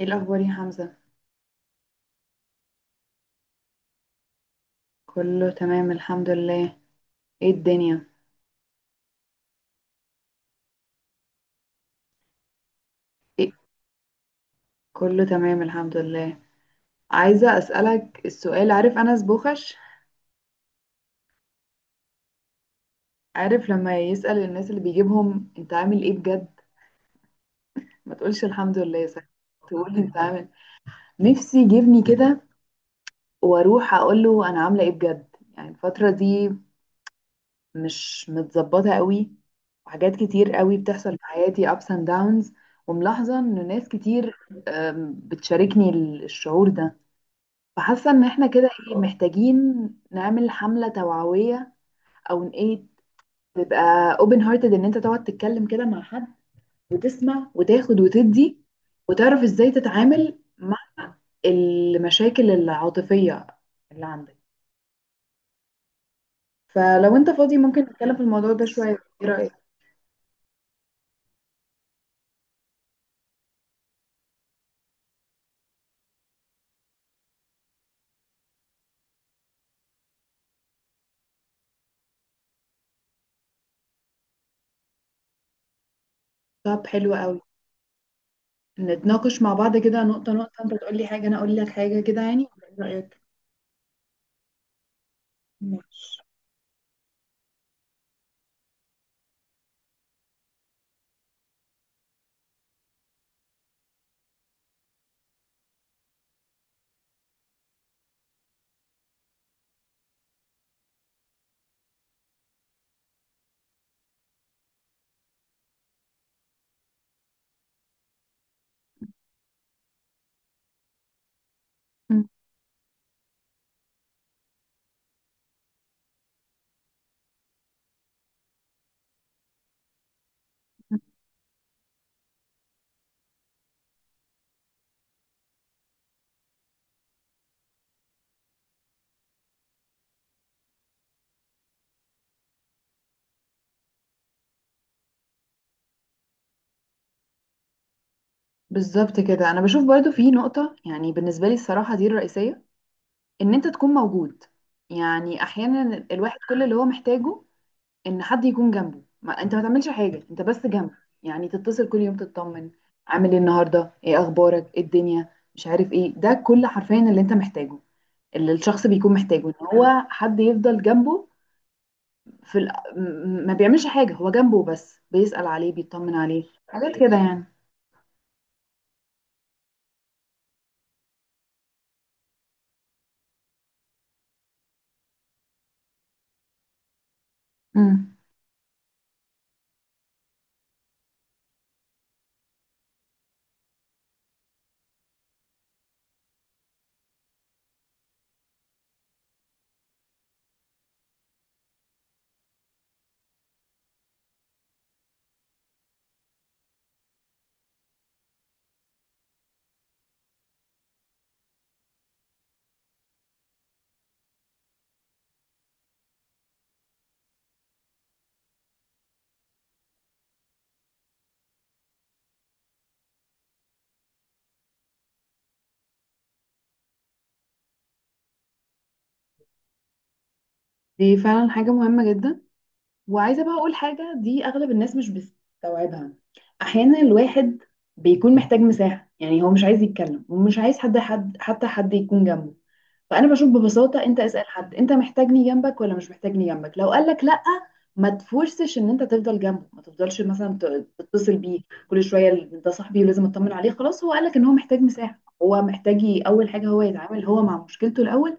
ايه الاخبار يا حمزة؟ كله تمام الحمد لله. ايه الدنيا؟ ايه، كله تمام الحمد لله. عايزة اسألك السؤال، عارف انس بوخش؟ عارف لما يسأل الناس اللي بيجيبهم انت عامل ايه بجد؟ ما تقولش الحمد لله، صح؟ تقول انت عامل. نفسي يجيبني كده، واروح اقول له انا عاملة ايه بجد. يعني الفترة دي مش متظبطة قوي، وحاجات كتير قوي بتحصل في حياتي، ups and downs. وملاحظة ان ناس كتير، بتشاركني الشعور ده، فحاسه ان احنا كده ايه، محتاجين نعمل حمله توعويه، او إن ايه، تبقى اوبن هارتد، ان انت تقعد تتكلم كده مع حد، وتسمع وتاخد وتدي، وتعرف ازاي تتعامل مع المشاكل العاطفيه اللي عندك. فلو انت فاضي ممكن نتكلم في الموضوع ده شويه، ايه رايك؟ طب حلو قوي. نتناقش مع بعض كده نقطه نقطه، انت تقول لي حاجه انا اقول لك حاجه كده يعني، ايه رايك؟ ماشي. بالظبط كده. انا بشوف برضو في نقطة، يعني بالنسبة لي الصراحة دي الرئيسية، ان انت تكون موجود. يعني احيانا الواحد كل اللي هو محتاجه ان حد يكون جنبه، ما انت ما تعملش حاجه، انت بس جنبه. يعني تتصل كل يوم تطمن، عامل ايه النهارده، ايه اخبارك، ايه الدنيا، مش عارف ايه، ده كل حرفيا اللي انت محتاجه، اللي الشخص بيكون محتاجه، ان هو حد يفضل جنبه في ال... ما بيعملش حاجه، هو جنبه بس بيسأل عليه بيطمن عليه، حاجات كده يعني. امم. دي فعلا حاجه مهمه جدا. وعايزة بقى أقول حاجة، دي أغلب الناس مش بتستوعبها. أحيانا الواحد بيكون محتاج مساحة، يعني هو مش عايز يتكلم ومش عايز حد حتى حد يكون جنبه. فانا بشوف ببساطه انت اسال حد، انت محتاجني جنبك ولا مش محتاجني جنبك؟ لو قال لك لا، ما تفورسش ان انت تفضل جنبه، ما تفضلش مثلا تتصل بيه كل شويه، ده صاحبي ولازم اطمن عليه. خلاص هو قال لك ان هو محتاج مساحه، هو محتاج اول حاجه هو يتعامل هو مع مشكلته الاول،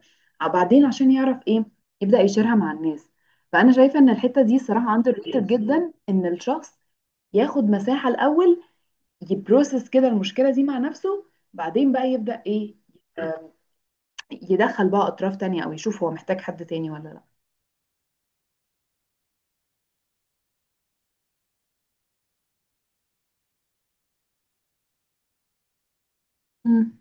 بعدين عشان يعرف ايه، يبدا يشيرها مع الناس. فانا شايفه ان الحته دي صراحه اندر ريتد جدا، ان الشخص ياخد مساحه الاول، يبروسس كده المشكله دي مع نفسه، بعدين بقى يبدا ايه، يدخل بقى اطراف تانية، او يشوف هو محتاج حد تاني ولا لا. مم.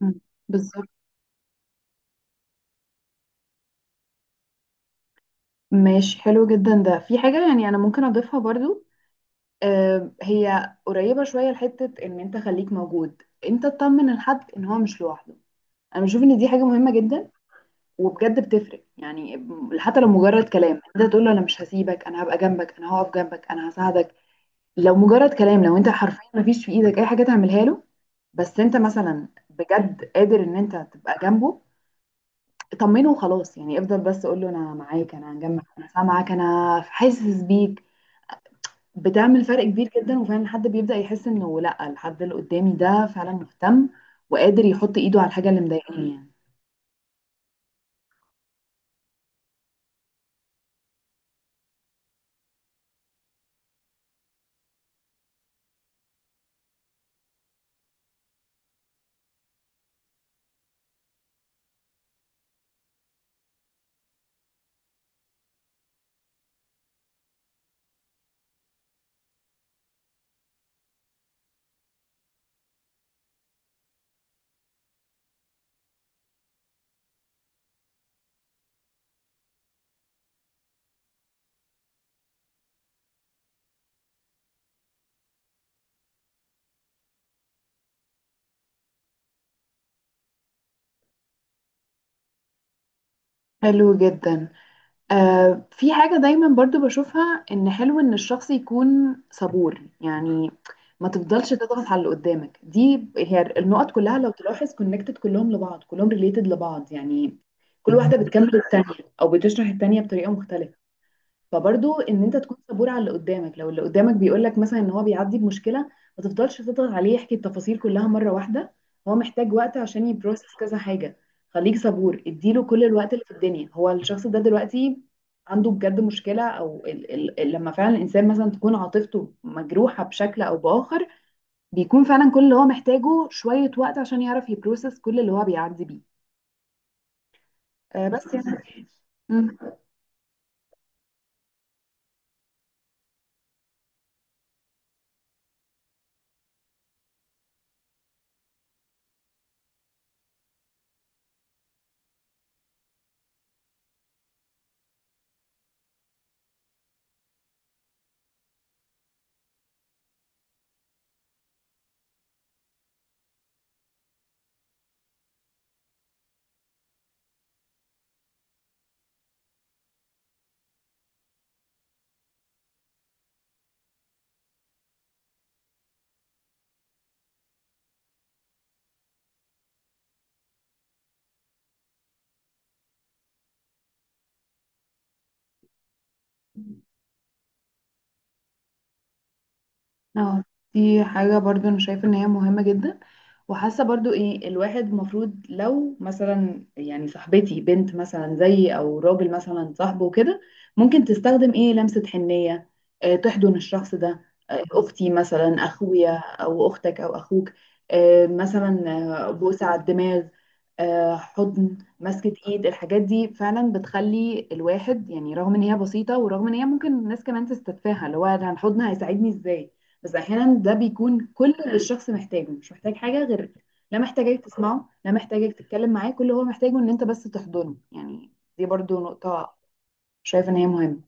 مم. بالظبط. ماشي حلو جدا. ده في حاجة يعني انا ممكن اضيفها برضو. آه، هي قريبة شوية لحتة ان انت خليك موجود، انت تطمن الحد ان هو مش لوحده. انا بشوف ان دي حاجة مهمة جدا، وبجد بتفرق يعني. حتى لو مجرد كلام، انت تقول له انا مش هسيبك، انا هبقى جنبك، انا هقف جنبك، انا هساعدك. لو مجرد كلام، لو انت حرفيا مفيش في ايدك اي حاجة تعملها له، بس انت مثلا بجد قادر ان انت تبقى جنبه، طمنه وخلاص يعني. افضل بس قول له انا معاك، انا هنجمع، انا سامعك، انا حاسس بيك. بتعمل فرق كبير جدا، وفعلا الحد بيبدأ يحس انه لا، الحد اللي قدامي ده فعلا مهتم، وقادر يحط ايده على الحاجة اللي مضايقاني يعني. حلو جدا. آه، في حاجة دايما برضو بشوفها، ان حلو ان الشخص يكون صبور يعني. ما تفضلش تضغط على اللي قدامك. دي هي النقط كلها لو تلاحظ كونكتد كلهم لبعض، كلهم ريليتد لبعض يعني. كل واحدة بتكمل التانية، او بتشرح التانية بطريقة مختلفة. فبرضو ان انت تكون صبور على اللي قدامك. لو اللي قدامك بيقول لك مثلا ان هو بيعدي بمشكله، ما تفضلش تضغط عليه يحكي التفاصيل كلها مره واحده. هو محتاج وقت عشان يبروسس كذا حاجه. خليك صبور، اديله كل الوقت اللي في الدنيا. هو الشخص ده دلوقتي عنده بجد مشكله، او لما فعلا الانسان مثلا تكون عاطفته مجروحه بشكل او باخر، بيكون فعلا كل اللي هو محتاجه شويه وقت عشان يعرف يبروسس كل اللي هو بيعدي بيه. آه بس يعني. مم. اه. دي حاجة برضو انا شايفة ان هي مهمة جدا. وحاسة برضو ايه، الواحد المفروض لو مثلا يعني صاحبتي بنت مثلا زيي، او راجل مثلا صاحبه وكده، ممكن تستخدم ايه لمسة حنية. اه، تحضن الشخص ده. اه، اختي مثلا، اخويا او اختك او اخوك. اه مثلا. اه، بوسة على الدماغ. اه، حضن، مسكة ايد. الحاجات دي فعلا بتخلي الواحد يعني، رغم ان هي بسيطة، ورغم ان هي ممكن الناس كمان تستتفاهها، اللي هو أنا الحضن هيساعدني ازاي، بس احيانا ده بيكون كل اللي الشخص محتاجه، مش محتاج حاجه غير، لا محتاجك تسمعه لا محتاجك تتكلم معاه، كل اللي هو محتاجه ان انت بس تحضنه يعني. دي برضو نقطه شايفه ان هي مهمه.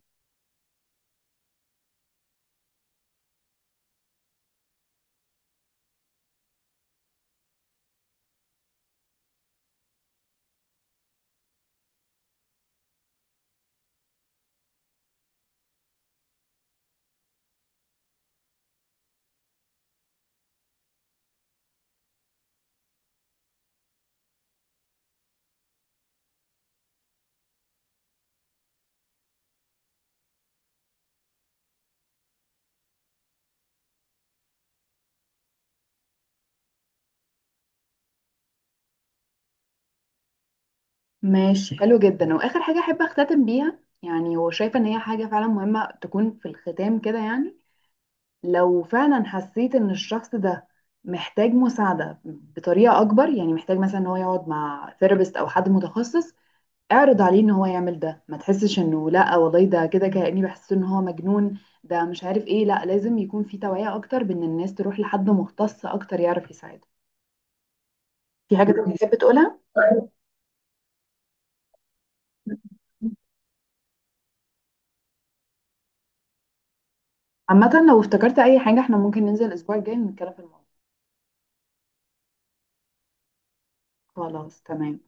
ماشي حلو جدا. واخر حاجه احب اختتم بيها يعني، وشايفه ان هي حاجه فعلا مهمه تكون في الختام كده يعني، لو فعلا حسيت ان الشخص ده محتاج مساعده بطريقه اكبر، يعني محتاج مثلا ان هو يقعد مع ثيرابيست او حد متخصص، اعرض عليه ان هو يعمل ده. ما تحسش انه لا والله ده كده كأني بحس ان هو مجنون ده، مش عارف ايه. لا، لازم يكون في توعية اكتر، بان الناس تروح لحد مختص اكتر يعرف يساعدها. في حاجة تانية تحب تقولها؟ عامة لو افتكرت اي حاجة، احنا ممكن ننزل الاسبوع الجاي نتكلم في الموضوع. خلاص، تمام.